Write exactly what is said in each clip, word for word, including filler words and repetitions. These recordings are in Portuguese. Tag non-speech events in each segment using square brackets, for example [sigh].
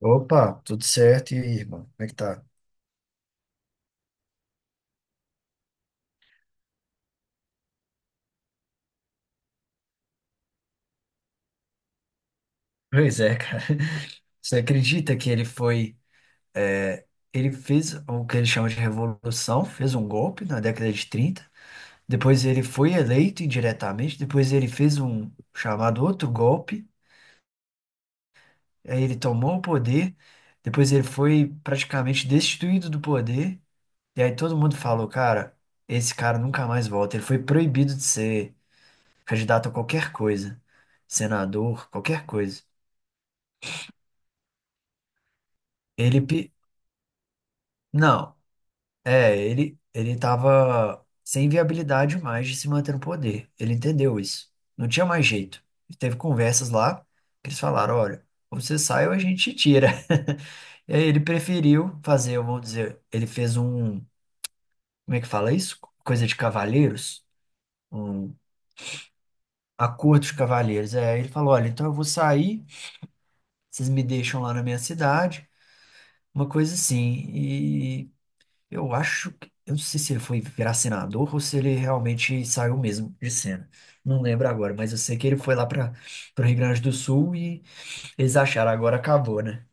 Opa, tudo certo, e aí, irmão? Como é que tá? Pois é, cara. [laughs] Você acredita que ele foi. é, Ele fez o que ele chama de revolução, fez um golpe na década de trinta. Depois ele foi eleito indiretamente. Depois ele fez um chamado outro golpe. Aí ele tomou o poder. Depois ele foi praticamente destituído do poder. E aí todo mundo falou, cara, esse cara nunca mais volta. Ele foi proibido de ser candidato a qualquer coisa, senador, qualquer coisa. Ele, pe- não, é, ele, ele tava sem viabilidade mais de se manter no poder. Ele entendeu isso. Não tinha mais jeito. Ele teve conversas lá que eles falaram, olha, ou você sai ou a gente te tira. [laughs] E aí ele preferiu fazer, vamos dizer, ele fez um, como é que fala isso? Coisa de cavalheiros, um acordo de cavalheiros. É, ele falou, olha, então eu vou sair, vocês me deixam lá na minha cidade, uma coisa assim. Eu acho que. Eu não sei se ele foi virar senador ou se ele realmente saiu mesmo de cena. Não lembro agora, mas eu sei que ele foi lá para o Rio Grande do Sul e eles acharam agora acabou, né?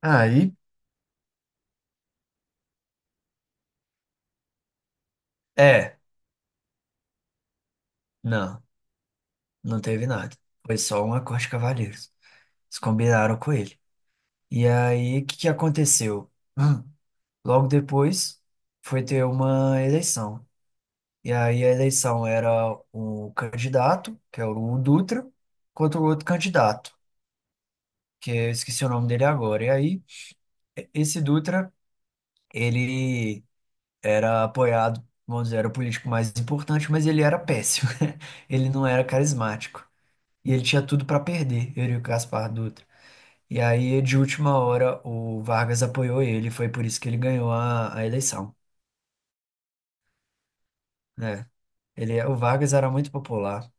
Aí, é, não, não teve nada. Foi só um acorde de cavalheiros. Eles combinaram com ele. E aí, o que que aconteceu? Hum, Logo depois, foi ter uma eleição. E aí, a eleição era o candidato, que era o Dutra, contra o outro candidato, que eu esqueci o nome dele agora. E aí, e- esse Dutra, ele era apoiado, vamos dizer, era o político mais importante, mas ele era péssimo. [laughs] Ele não era carismático. E ele tinha tudo para perder, ele e o Gaspar Dutra. E aí, de última hora, o Vargas apoiou ele, foi por isso que ele ganhou a, a eleição, né? Ele, o Vargas era muito popular.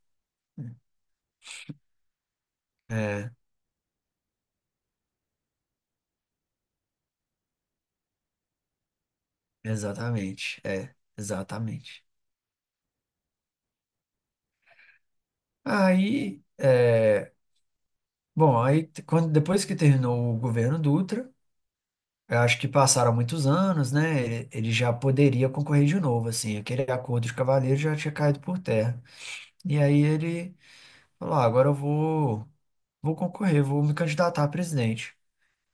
É, exatamente. É, exatamente. Aí, é, Bom, aí quando, depois que terminou o governo Dutra, eu acho que passaram muitos anos, né? Ele, ele já poderia concorrer de novo, assim. Aquele acordo de cavalheiro já tinha caído por terra. E aí ele falou: ah, agora eu vou, vou concorrer, vou me candidatar a presidente.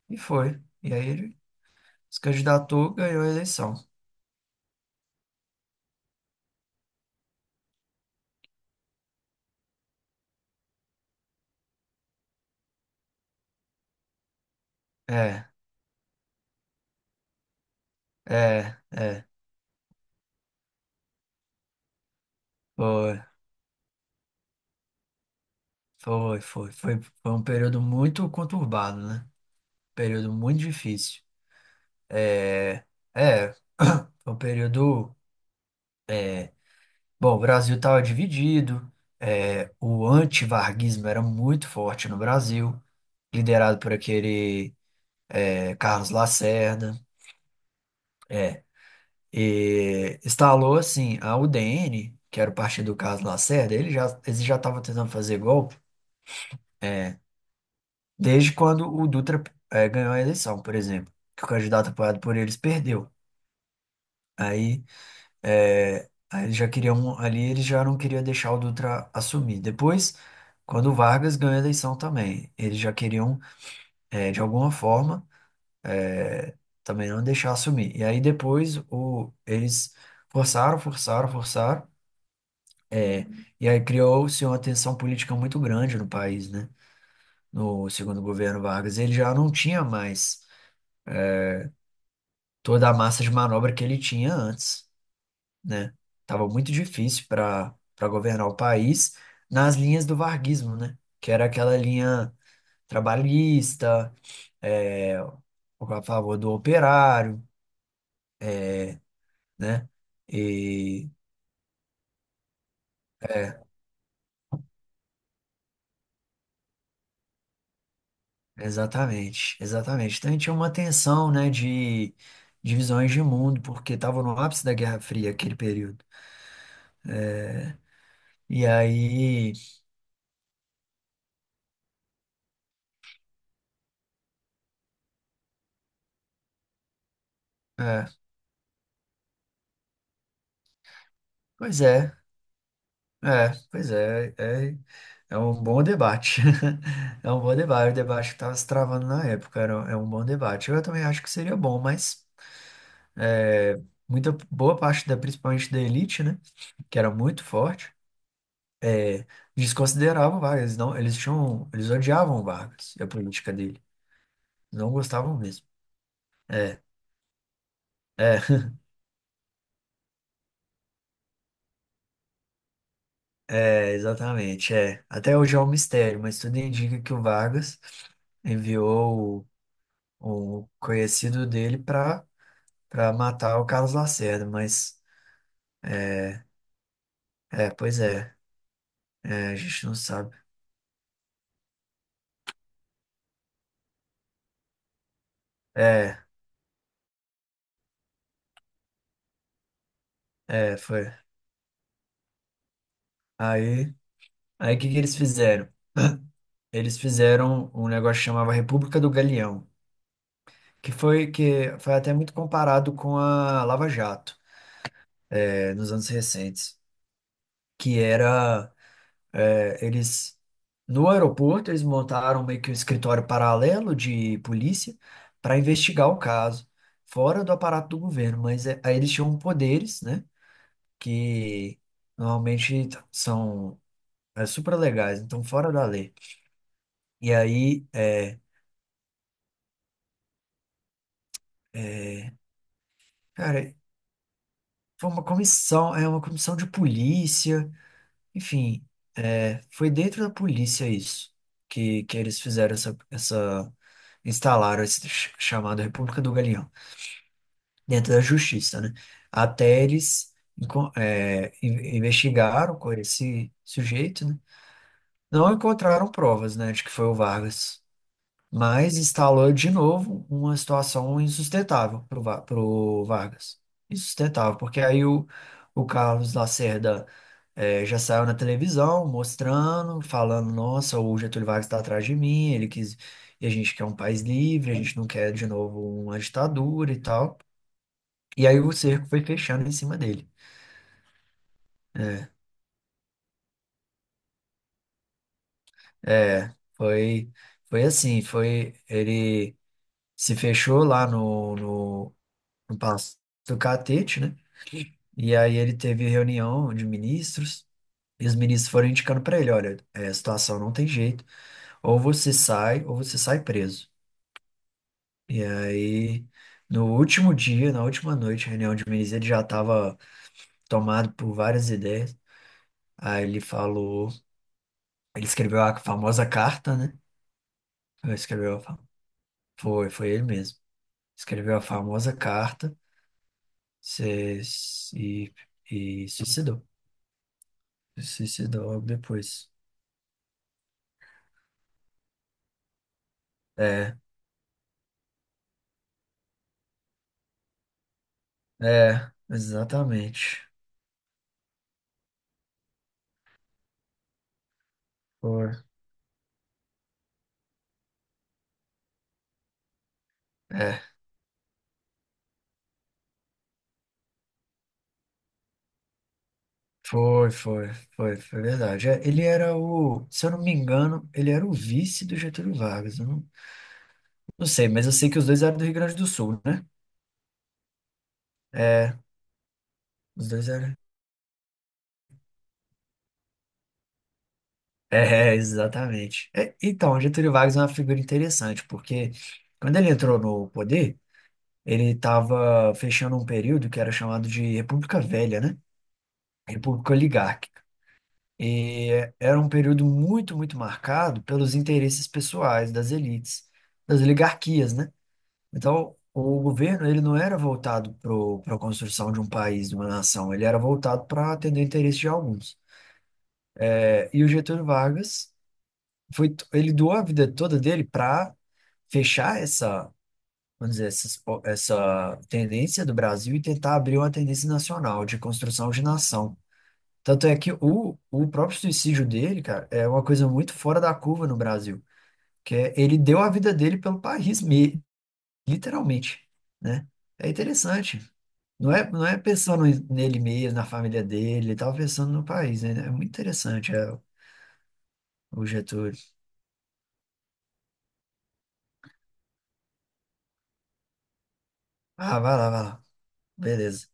E foi. E aí ele se candidatou, ganhou a eleição. É, é, é. Foi, foi, foi. Foi, foi um período muito conturbado, né? Um período muito difícil. É, foi um período. Bom, o Brasil estava dividido, é, o antivarguismo era muito forte no Brasil, liderado por aquele é, Carlos Lacerda. É, e instalou assim a U D N, que era o partido do Carlos Lacerda, ele já, eles já estavam tentando fazer golpe desde quando o Dutra, é, ganhou a eleição, por exemplo, que o candidato apoiado por eles perdeu. aí É, Aí eles já queriam, ali eles já não queriam deixar o Dutra assumir. Depois, quando o Vargas ganhou a eleição também, eles já queriam, eh, de alguma forma, eh, também não deixar assumir. E aí depois o, eles forçaram, forçaram, forçaram, eh, e aí criou-se uma tensão política muito grande no país, né? No segundo governo Vargas. Ele já não tinha mais toda a massa de manobra que ele tinha antes, né? Tava muito difícil para para governar o país nas linhas do varguismo, né? Que era aquela linha trabalhista, é, a favor do operário, né? E é, Exatamente, exatamente. Então a gente tinha uma tensão, né, de divisões de mundo, porque estava no ápice da Guerra Fria aquele período. E aí, é, Pois é. É, pois é, é, É um bom debate. [laughs] É um bom debate. O debate que estava se travando na época era, é um bom debate. Eu também acho que seria bom, mas é, muita boa parte da, principalmente da elite, né, que era muito forte, é, desconsiderava o Vargas. Não, eles tinham, eles odiavam o Vargas e a política dele. Não gostavam mesmo. É, é, [laughs] é, exatamente. É. Até hoje é um mistério, mas tudo indica que o Vargas enviou o, o conhecido dele para pra matar o Carlos Lacerda, mas é, pois é, é, a gente não sabe. É, é, foi. Aí, aí o que que eles fizeram? Eles fizeram um negócio que chamava República do Galeão, que foi que foi até muito comparado com a Lava Jato, é, nos anos recentes, que era é, eles no aeroporto eles montaram meio que um escritório paralelo de polícia para investigar o caso, fora do aparato do governo, mas é, aí eles tinham poderes, né? Que normalmente t- são é, super legais, então fora da lei. E aí, é, é, cara, foi uma comissão, é uma comissão de polícia, enfim, é, foi dentro da polícia isso, que, que eles fizeram essa, essa, instalaram esse ch- chamado República do Galeão, dentro da justiça, né? Até eles enco- é, in- investigaram com esse sujeito, né? Não encontraram provas, né, de que foi o Vargas. Mas instalou de novo uma situação insustentável para o Vargas. Insustentável, porque aí o, o Carlos Lacerda eh, já saiu na televisão mostrando, falando, nossa, o Getúlio Vargas está atrás de mim, ele quis, e a gente quer um país livre, a gente não quer de novo uma ditadura e tal. E aí o cerco foi fechando em cima dele. É, foi, foi assim, foi, ele se fechou lá no, no, no Palácio do Catete, né? E aí ele teve reunião de ministros e os ministros foram indicando para ele, olha, é, a situação não tem jeito, ou você sai ou você sai preso. E aí no último dia, na última noite, reunião de ministros, ele já estava tomado por várias ideias. Aí ele falou, ele escreveu a famosa carta, né? Ele Escreveu a, fa- foi, foi ele mesmo. Escreveu a famosa carta, se- e, e suicidou. Se suicidou logo depois. É, é, exatamente. Foi. É, foi, foi, foi, foi verdade. É, ele era o, se eu não me engano, ele era o vice do Getúlio Vargas. Eu não, não sei, mas eu sei que os dois eram do Rio Grande do Sul, né? É, os dois eram. É, [laughs] exatamente. É, então, o Getúlio Vargas é uma figura interessante, porque quando ele entrou no poder, ele estava fechando um período que era chamado de República Velha, né? República Oligárquica. E era um período muito, muito marcado pelos interesses pessoais das elites, das oligarquias, né? Então, o governo, ele não era voltado para a construção de um país, de uma nação, ele era voltado para atender o interesse de alguns. É, E o Getúlio Vargas, foi, ele doou a vida toda dele para fechar essa, vamos dizer, essas po- essa, tendência do Brasil e tentar abrir uma tendência nacional de construção de nação. Tanto é que o, o próprio suicídio dele, cara, é uma coisa muito fora da curva no Brasil, que é, ele deu a vida dele pelo país, me- literalmente, né? É interessante. Não é, não é pensando nele mesmo, na família dele, ele tava pensando no país, né? É muito interessante, é, o Getúlio. Ah, vai lá, vai lá. Beleza.